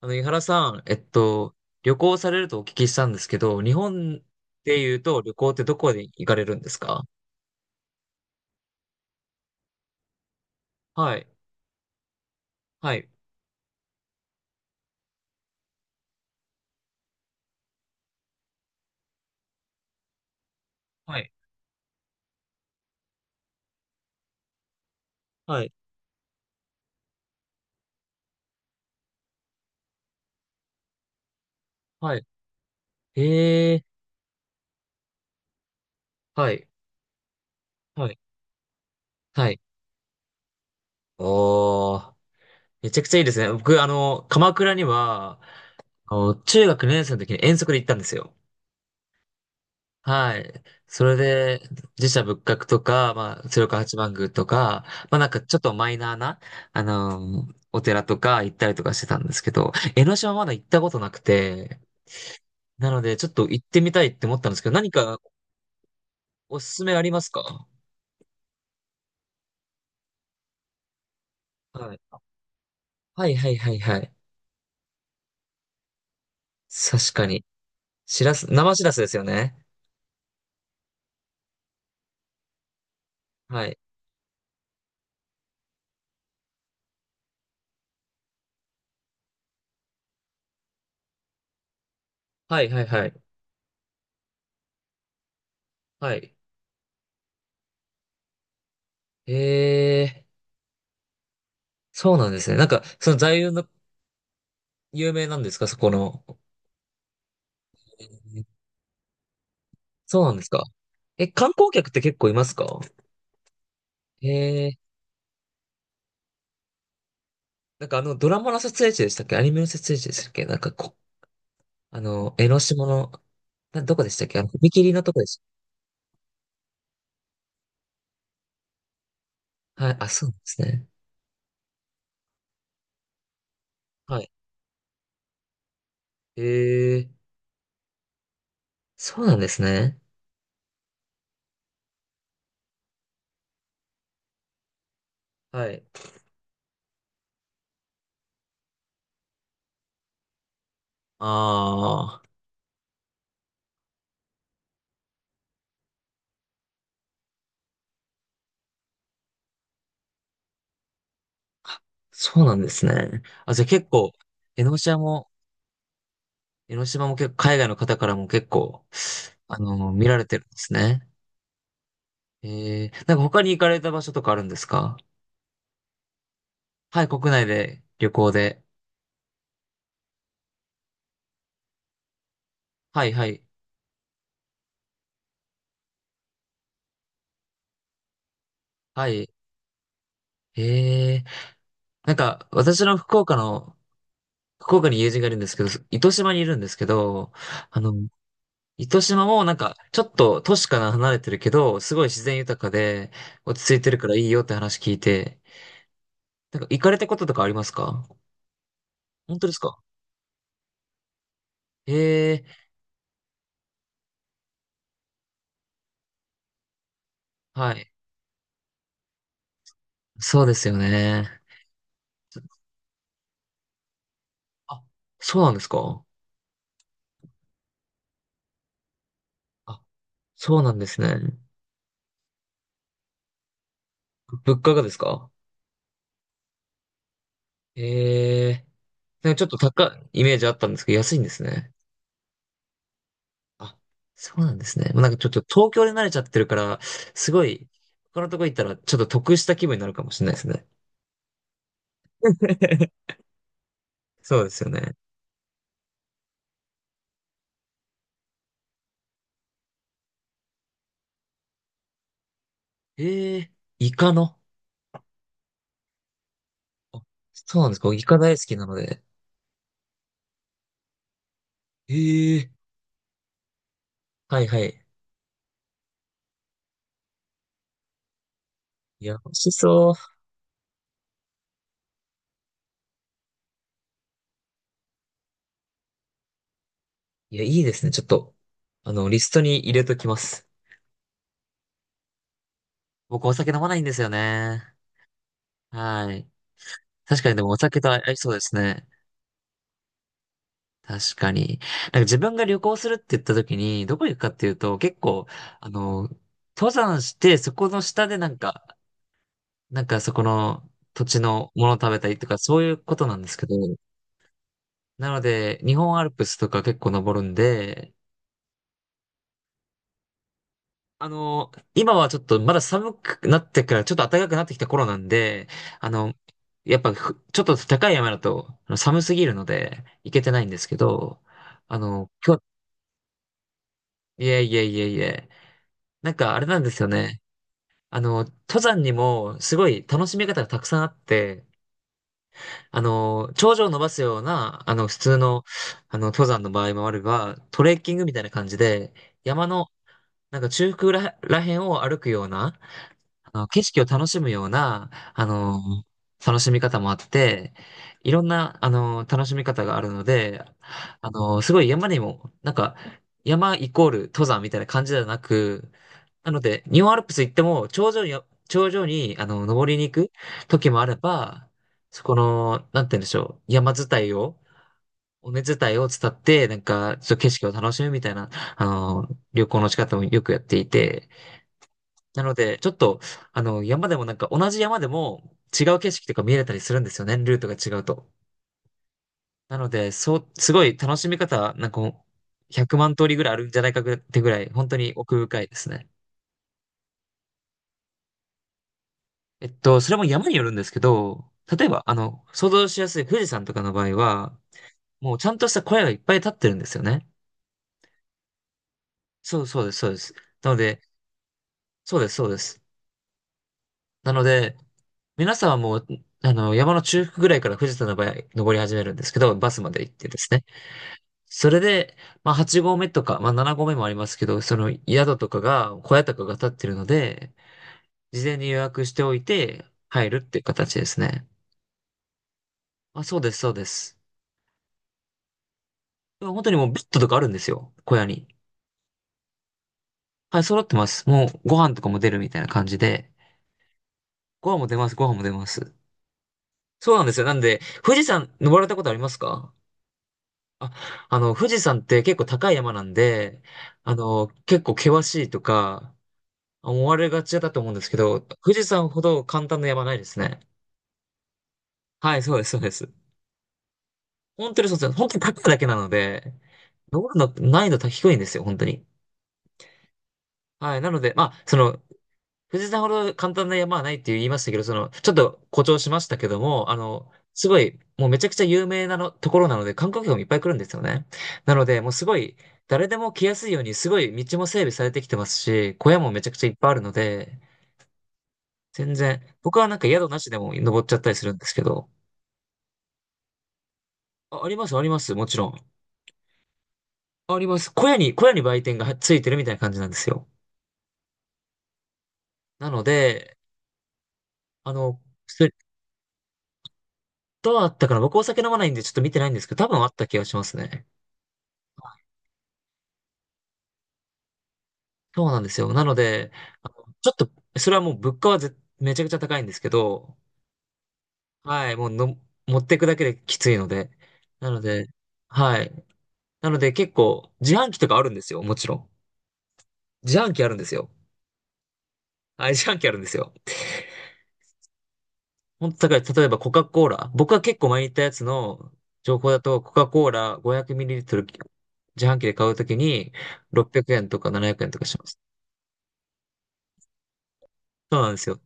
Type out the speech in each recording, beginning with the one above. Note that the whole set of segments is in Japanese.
井原さん、旅行されるとお聞きしたんですけど、日本で言うと旅行ってどこで行かれるんですか？はい、はい、はい、はい、はい。ええ、はい、はい、はい。おー、めちゃくちゃいいですね。僕、鎌倉には、あの中学2年生の時に遠足で行ったんですよ。はい。それで、自社仏閣とか、鶴岡八幡宮とか、なんかちょっとマイナーな、お寺とか行ったりとかしてたんですけど、江ノ島まだ行ったことなくて、なのでちょっと行ってみたいって思ったんですけど、何かおすすめありますか？はい。はいはいはいはい。確かに。しらす、生しらすですよね。はい。はいはいはい。はい。ええ、そうなんですね。なんか、その座右の有名なんですかそこの。そうなんですか。え、観光客って結構いますか？えー、ドラマの撮影地でしたっけアニメの撮影地でしたっけなんかこ、江ノ島の、どこでしたっけ踏切のとこでした。はい、あ、そうなんですね。はい。えー、そうなんですね。はい。ああ、そうなんですね。あ、じゃあ結構、江ノ島も、江ノ島も結構、海外の方からも結構、見られてるんですね。えー、なんか他に行かれた場所とかあるんですか？はい、国内で、旅行で。はいはい。はい。ええ、なんか、私の福岡の、福岡に友人がいるんですけど、糸島にいるんですけど、あの、糸島もなんか、ちょっと都市から離れてるけど、すごい自然豊かで、落ち着いてるからいいよって話聞いて、なんか、行かれたこととかありますか？本当ですか？ええ、はい。そうですよね。あ、そうなんですか？あ、そうなんですね。物価がですか？ええ、なんかちょっと高いイメージあったんですけど、安いんですね。あ、そうなんですね。もうなんかちょっと東京で慣れちゃってるから、すごい、他のとこ行ったらちょっと得した気分になるかもしれないですね。そうですよね。ええ、イカの。あ、そうなんですか。イカ大好きなので。ええ、はいはい。いや、美味しそう。いや、いいですね。ちょっと、リストに入れときます。僕お酒飲まないんですよね。はい。確かにでもお酒と合いそうですね。確かに。なんか自分が旅行するって言った時に、どこ行くかっていうと、結構、あの、登山して、そこの下でなんか、なんかそこの土地のものを食べたりとか、そういうことなんですけど、なので、日本アルプスとか結構登るんで、今はちょっとまだ寒くなってから、ちょっと暖かくなってきた頃なんで、あの、やっぱちょっと高い山だとあの寒すぎるので、行けてないんですけど、あの、今日、いえいえいえいえ、なんかあれなんですよね。登山にもすごい楽しみ方がたくさんあって、頂上を伸ばすような、普通の、登山の場合もあれば、トレッキングみたいな感じで、山の、なんか中腹ら、らへんを歩くような、景色を楽しむような、楽しみ方もあって、いろんな、楽しみ方があるので、すごい山にも、なんか、山イコール登山みたいな感じではなく、なので、日本アルプス行っても、頂上に、登りに行く時もあれば、そこの、なんて言うんでしょう、山伝いを、尾根伝いを伝って、なんか、ちょっと景色を楽しむみたいな、あの、旅行の仕方もよくやっていて、なので、ちょっと、山でもなんか同じ山でも違う景色とか見れたりするんですよね、ルートが違うと。なので、そう、すごい楽しみ方、なんか100万通りぐらいあるんじゃないかってぐらい、本当に奥深いですね。えっと、それも山によるんですけど、例えば、想像しやすい富士山とかの場合は、もうちゃんとした小屋がいっぱい立ってるんですよね。そうそうです、そうです。なので、そうです、そうです。なので、皆さんはもう、山の中腹ぐらいから富士山の場合、登り始めるんですけど、バスまで行ってですね。それで、まあ8合目とか、まあ7合目もありますけど、その宿とかが、小屋とかが立ってるので、事前に予約しておいて入るっていう形ですね。あ、そうです、そうです。でも本当にもうベッドとかあるんですよ、小屋に。はい、揃ってます。もうご飯とかも出るみたいな感じで。ご飯も出ます、ご飯も出ます。そうなんですよ。なんで、富士山登られたことありますか？あ、富士山って結構高い山なんで、結構険しいとか、思われがちだと思うんですけど、富士山ほど簡単な山ないですね。はい、そうです、そうです。本当にそうです。本当に高いだけなので、登るの難易度低いんですよ、本当に。はい、なので、まあ、その、富士山ほど簡単な山はないって言いましたけど、その、ちょっと誇張しましたけども、すごい、もうめちゃくちゃ有名なの、ところなので、観光客もいっぱい来るんですよね。なので、もうすごい、誰でも来やすいように、すごい道も整備されてきてますし、小屋もめちゃくちゃいっぱいあるので、全然、僕はなんか宿なしでも登っちゃったりするんですけど、あ、あります、あります、もちろん。あります。小屋に売店がついてるみたいな感じなんですよ。なので、あの、それどうあったかな僕お酒飲まないんでちょっと見てないんですけど、多分あった気がしますね。そうなんですよ。なので、あのちょっと、それはもう物価はめちゃくちゃ高いんですけど、はい、もうの、持っていくだけできついので。なので、はい。なので結構、自販機とかあるんですよ、もちろん。自販機あるんですよ。はい、自販機あるんですよ。本当だから、例えばコカ・コーラ。僕は結構前に言ったやつの情報だと、コカ・コーラ 500ml 自販機で買うときに600円とか700円とかします。そうなんですよ。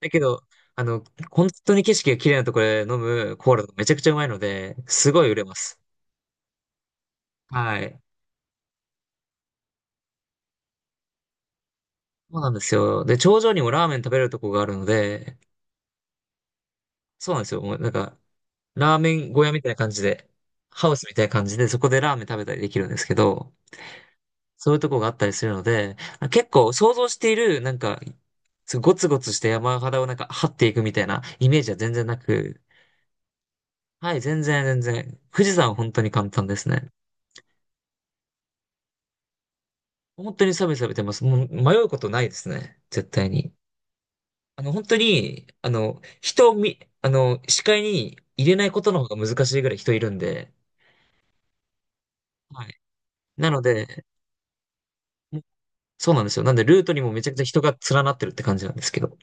だけど、あの、本当に景色が綺麗なところで飲むコーラがめちゃくちゃうまいので、すごい売れます。はい。そうなんですよ。で、頂上にもラーメン食べれるとこがあるので、そうなんですよ。もうなんか、ラーメン小屋みたいな感じで、ハウスみたいな感じで、そこでラーメン食べたりできるんですけど、そういうとこがあったりするので、結構想像している、なんか、すごいゴツゴツした山肌をなんか張っていくみたいなイメージは全然なく、はい、全然全然。富士山は本当に簡単ですね。本当にサビサビてます。もう迷うことないですね。絶対に。本当に、人を見、視界に入れないことの方が難しいぐらい人いるんで、はい。なので、そうなんですよ。なんでルートにもめちゃくちゃ人が連なってるって感じなんですけど、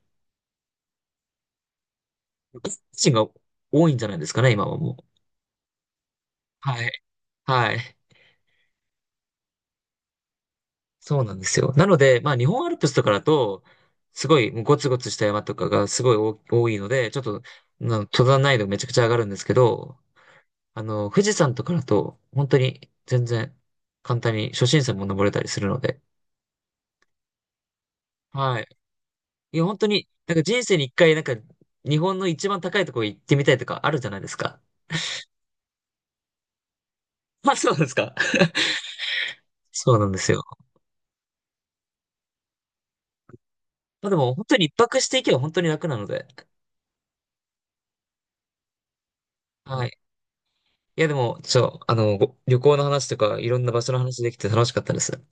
外国人が多いんじゃないですかね、今はもう。はい。はい。そうなんですよ。なので、まあ日本アルプスとかだと、すごいもうゴツゴツした山とかがすごい多いので、ちょっと、登山難易度めちゃくちゃ上がるんですけど、富士山とかだと、本当に全然簡単に初心者も登れたりするので、はい。いや、本当に、なんか人生に一回、なんか日本の一番高いところ行ってみたいとかあるじゃないですか。まあそうなんですか。そうなんですよ。まあでも本当に一泊していけば本当に楽なので、はい。いや、でも、ご旅行の話とか、いろんな場所の話できて楽しかったです。